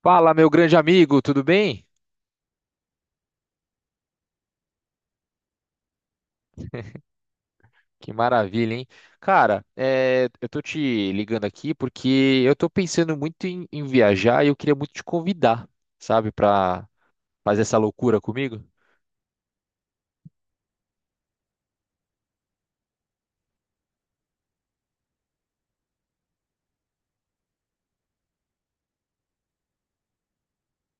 Fala, meu grande amigo, tudo bem? Que maravilha, hein? Cara, eu tô te ligando aqui porque eu tô pensando muito em viajar e eu queria muito te convidar, sabe, pra fazer essa loucura comigo.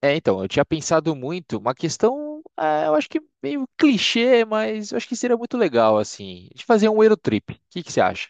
Então, eu tinha pensado muito, uma questão, eu acho que meio clichê, mas eu acho que seria muito legal, assim, de fazer um Eurotrip. O que que você acha?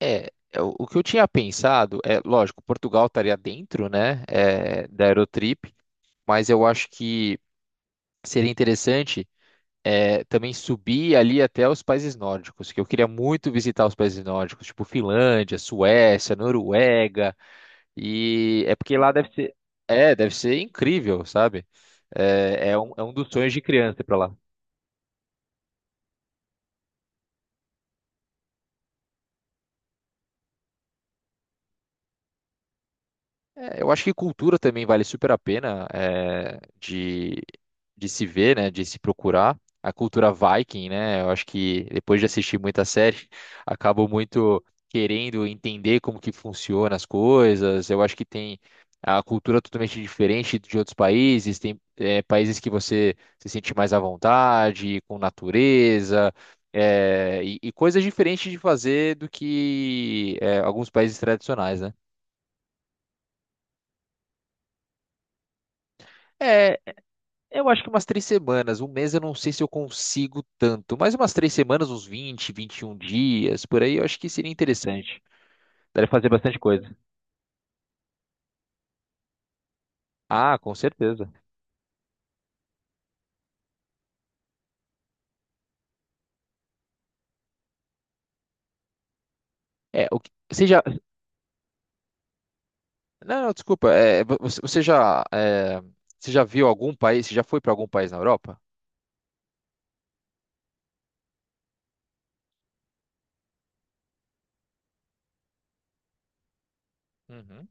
O que eu tinha pensado é, lógico, Portugal estaria dentro, né, da Eurotrip, mas eu acho que seria interessante. Também subir ali até os países nórdicos, que eu queria muito visitar os países nórdicos, tipo Finlândia, Suécia, Noruega, e é porque lá deve ser, deve ser incrível, sabe? É um dos sonhos de criança ir pra lá. É, eu acho que cultura também vale super a pena de se ver, né? De se procurar. A cultura Viking, né? Eu acho que depois de assistir muita série, acabo muito querendo entender como que funciona as coisas. Eu acho que tem a cultura totalmente diferente de outros países. Tem países que você se sente mais à vontade, com natureza. E coisas diferentes de fazer do que alguns países tradicionais, né? É, Eu acho que umas 3 semanas, um mês eu não sei se eu consigo tanto, mas umas 3 semanas, uns 20, 21 dias, por aí, eu acho que seria interessante. Daria pra fazer bastante coisa. Ah, com certeza. É, o que- você já. Não, não, desculpa. Você já viu algum país? Você já foi para algum país na Europa? Uhum.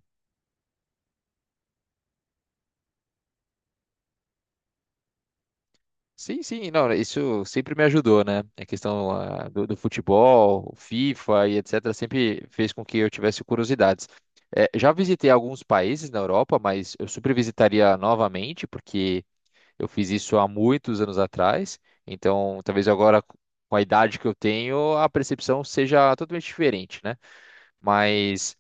Sim, sim, não, isso sempre me ajudou, né? A questão do futebol, FIFA e etc. sempre fez com que eu tivesse curiosidades. Já visitei alguns países na Europa, mas eu super visitaria novamente, porque eu fiz isso há muitos anos atrás. Então, talvez agora, com a idade que eu tenho, a percepção seja totalmente diferente, né? Mas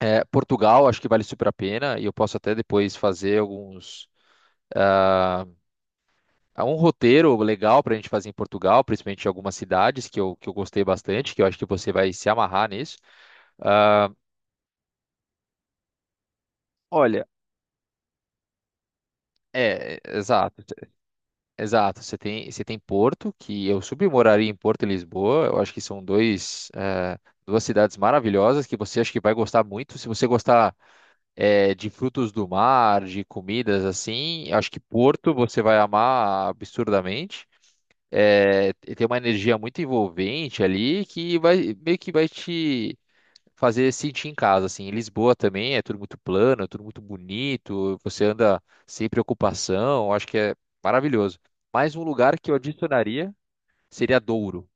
Portugal, acho que vale super a pena e eu posso até depois fazer alguns. ah, há um roteiro legal para a gente fazer em Portugal, principalmente em algumas cidades que eu gostei bastante, que eu acho que você vai se amarrar nisso. Ah, olha, é, exato, exato. Você tem Porto, que eu submoraria em Porto e Lisboa. Eu acho que são duas cidades maravilhosas que você acho que vai gostar muito. Se você gostar, de frutos do mar, de comidas assim, eu acho que Porto você vai amar absurdamente. É, tem uma energia muito envolvente ali que vai meio que vai te fazer sentir em casa, assim. Em Lisboa também é tudo muito plano, é tudo muito bonito, você anda sem preocupação, acho que é maravilhoso. Mais um lugar que eu adicionaria seria Douro.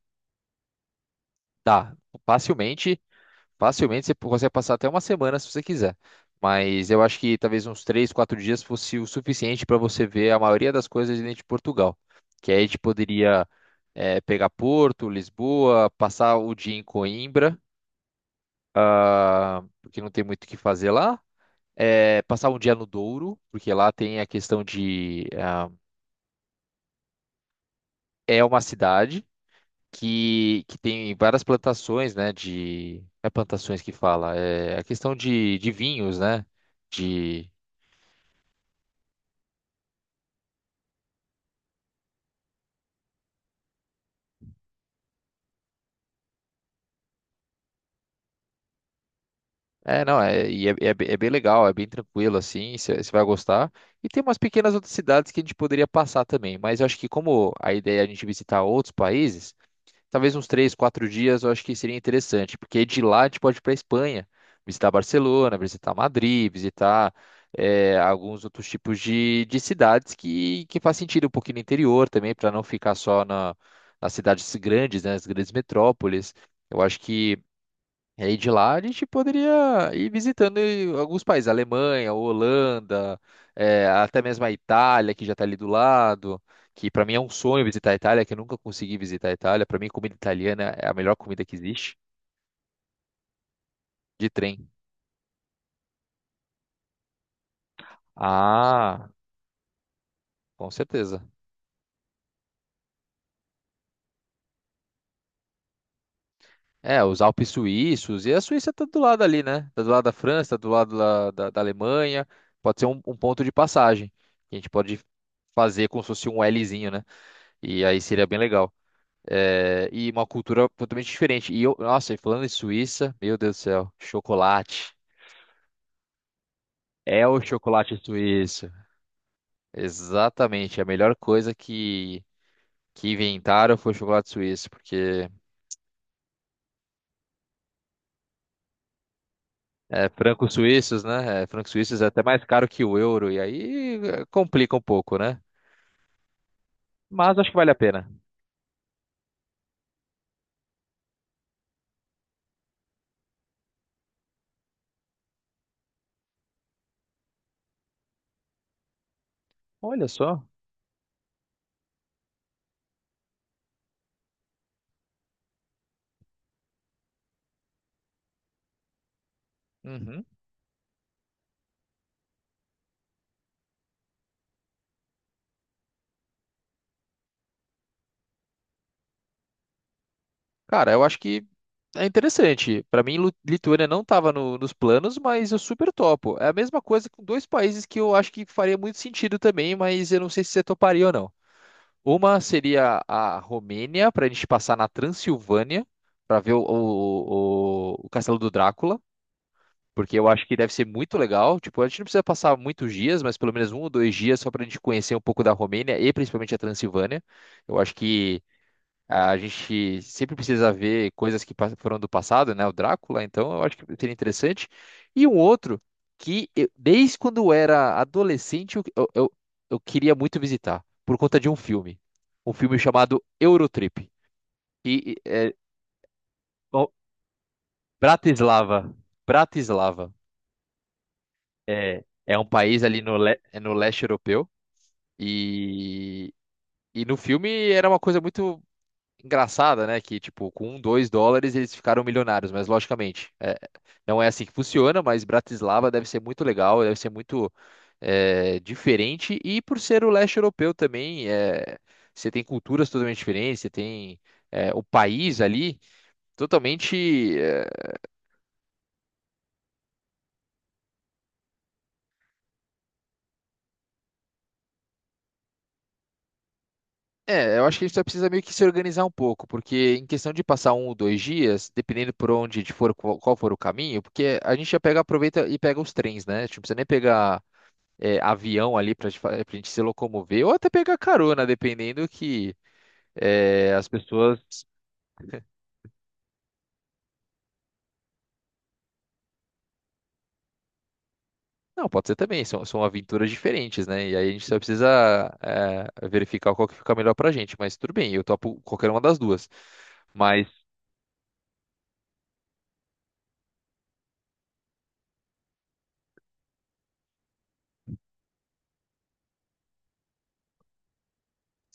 Dá, facilmente Facilmente você consegue passar até uma semana se você quiser. Mas eu acho que talvez uns 3, 4 dias fosse o suficiente para você ver a maioria das coisas dentro de Portugal. Que aí a gente poderia pegar Porto, Lisboa, passar o dia em Coimbra, porque não tem muito o que fazer lá. Passar um dia no Douro, porque lá tem a questão de. É uma cidade que tem várias plantações, né? De. Não é plantações que fala, é a questão de vinhos, né? de É, não, é, e é, é be- é bem legal, é bem tranquilo, assim, você vai gostar. E tem umas pequenas outras cidades que a gente poderia passar também, mas eu acho que como a ideia é a gente visitar outros países, talvez uns três, quatro dias eu acho que seria interessante, porque de lá a gente pode ir para Espanha, visitar Barcelona, visitar Madrid, visitar alguns outros tipos de cidades que faz sentido um pouquinho no interior também, para não ficar só na, nas cidades grandes, né, nas grandes metrópoles. Eu acho que. E aí de lá a gente poderia ir visitando alguns países, Alemanha, Holanda, até mesmo a Itália, que já está ali do lado, que para mim é um sonho visitar a Itália, que eu nunca consegui visitar a Itália. Para mim, comida italiana é a melhor comida que existe, de trem. Ah, com certeza. É, os Alpes suíços, e a Suíça tá do lado ali, né? Tá do lado da França, tá do lado lá da Alemanha. Pode ser um ponto de passagem, que a gente pode fazer como se fosse um Lzinho, né? E aí seria bem legal. É, e uma cultura totalmente diferente. E eu, nossa, e falando em Suíça, meu Deus do céu, chocolate. É o chocolate suíço. Exatamente. A melhor coisa que inventaram foi o chocolate suíço, porque francos suíços, né? É, francos suíços é até mais caro que o euro, e aí complica um pouco, né? Mas acho que vale a pena. Olha só. Uhum. Cara, eu acho que é interessante. Para mim, Lituânia não estava nos planos, mas eu super topo. É a mesma coisa com dois países que eu acho que faria muito sentido também, mas eu não sei se você toparia ou não. Uma seria a Romênia, para a gente passar na Transilvânia, para ver o Castelo do Drácula, porque eu acho que deve ser muito legal. Tipo, a gente não precisa passar muitos dias, mas pelo menos um ou dois dias só para a gente conhecer um pouco da Romênia e principalmente a Transilvânia. Eu acho que. A gente sempre precisa ver coisas que foram do passado, né? O Drácula, então eu acho que seria interessante. E um outro que desde quando eu era adolescente eu queria muito visitar, por conta de um filme. Um filme chamado Eurotrip. E é, bom, Bratislava. Bratislava. É um país ali no, é no leste europeu. E, e no filme era uma coisa muito engraçada, né? Que, tipo, com um, US$ 2 eles ficaram milionários, mas logicamente, não é assim que funciona, mas Bratislava deve ser muito legal, deve ser muito diferente, e por ser o leste europeu também, você tem culturas totalmente diferentes, você tem o país ali totalmente. Eu acho que a gente só precisa meio que se organizar um pouco, porque em questão de passar um ou dois dias, dependendo por onde for, qual for o caminho, porque a gente já pega, aproveita e pega os trens, né? A gente não precisa nem pegar avião ali para a gente se locomover, ou até pegar carona, dependendo que as pessoas. Não, pode ser também, são, são aventuras diferentes, né? E aí a gente só precisa verificar qual que fica melhor pra gente, mas tudo bem, eu topo qualquer uma das duas. Mas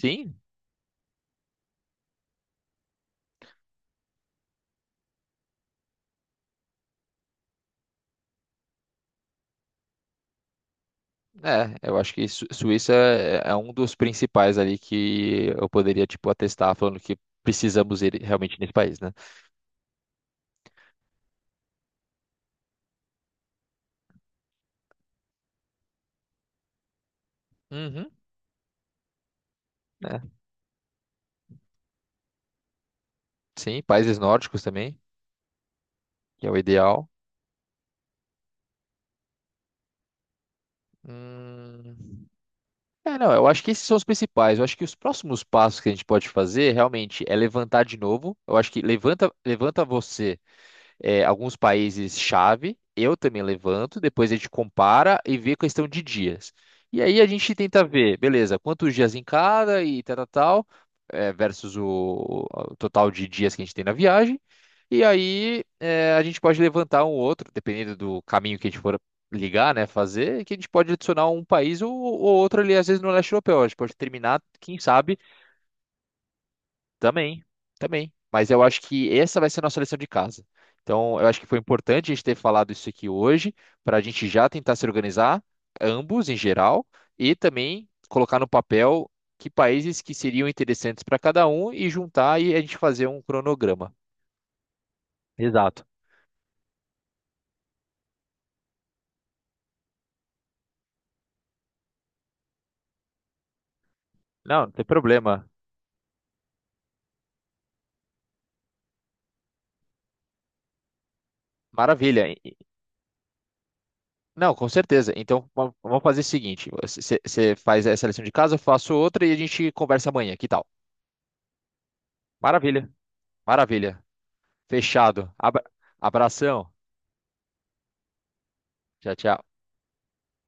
sim, eu acho que Suíça é um dos principais ali que eu poderia, tipo, atestar falando que precisamos ir realmente nesse país, né? Uhum, né? Sim, países nórdicos também, que é o ideal. Hum, É, não, eu acho que esses são os principais. Eu acho que os próximos passos que a gente pode fazer realmente é levantar de novo. Eu acho que levanta você alguns países chave, eu também levanto, depois a gente compara e vê questão de dias. E aí a gente tenta ver, beleza, quantos dias em cada e tal, tal, tal, versus o total de dias que a gente tem na viagem. E aí a gente pode levantar um ou outro, dependendo do caminho que a gente for ligar, né, fazer, que a gente pode adicionar um país ou outro ali, às vezes no leste europeu. A gente pode terminar, quem sabe, também, também. Mas eu acho que essa vai ser a nossa lição de casa. Então, eu acho que foi importante a gente ter falado isso aqui hoje, para a gente já tentar se organizar, ambos em geral, e também colocar no papel que países que seriam interessantes para cada um e juntar e a gente fazer um cronograma. Exato. Não, não tem problema. Maravilha. Não, com certeza. Então, vamos fazer o seguinte: você faz essa lição de casa, eu faço outra e a gente conversa amanhã. Que tal? Maravilha, maravilha. Fechado. Abração. Tchau, tchau.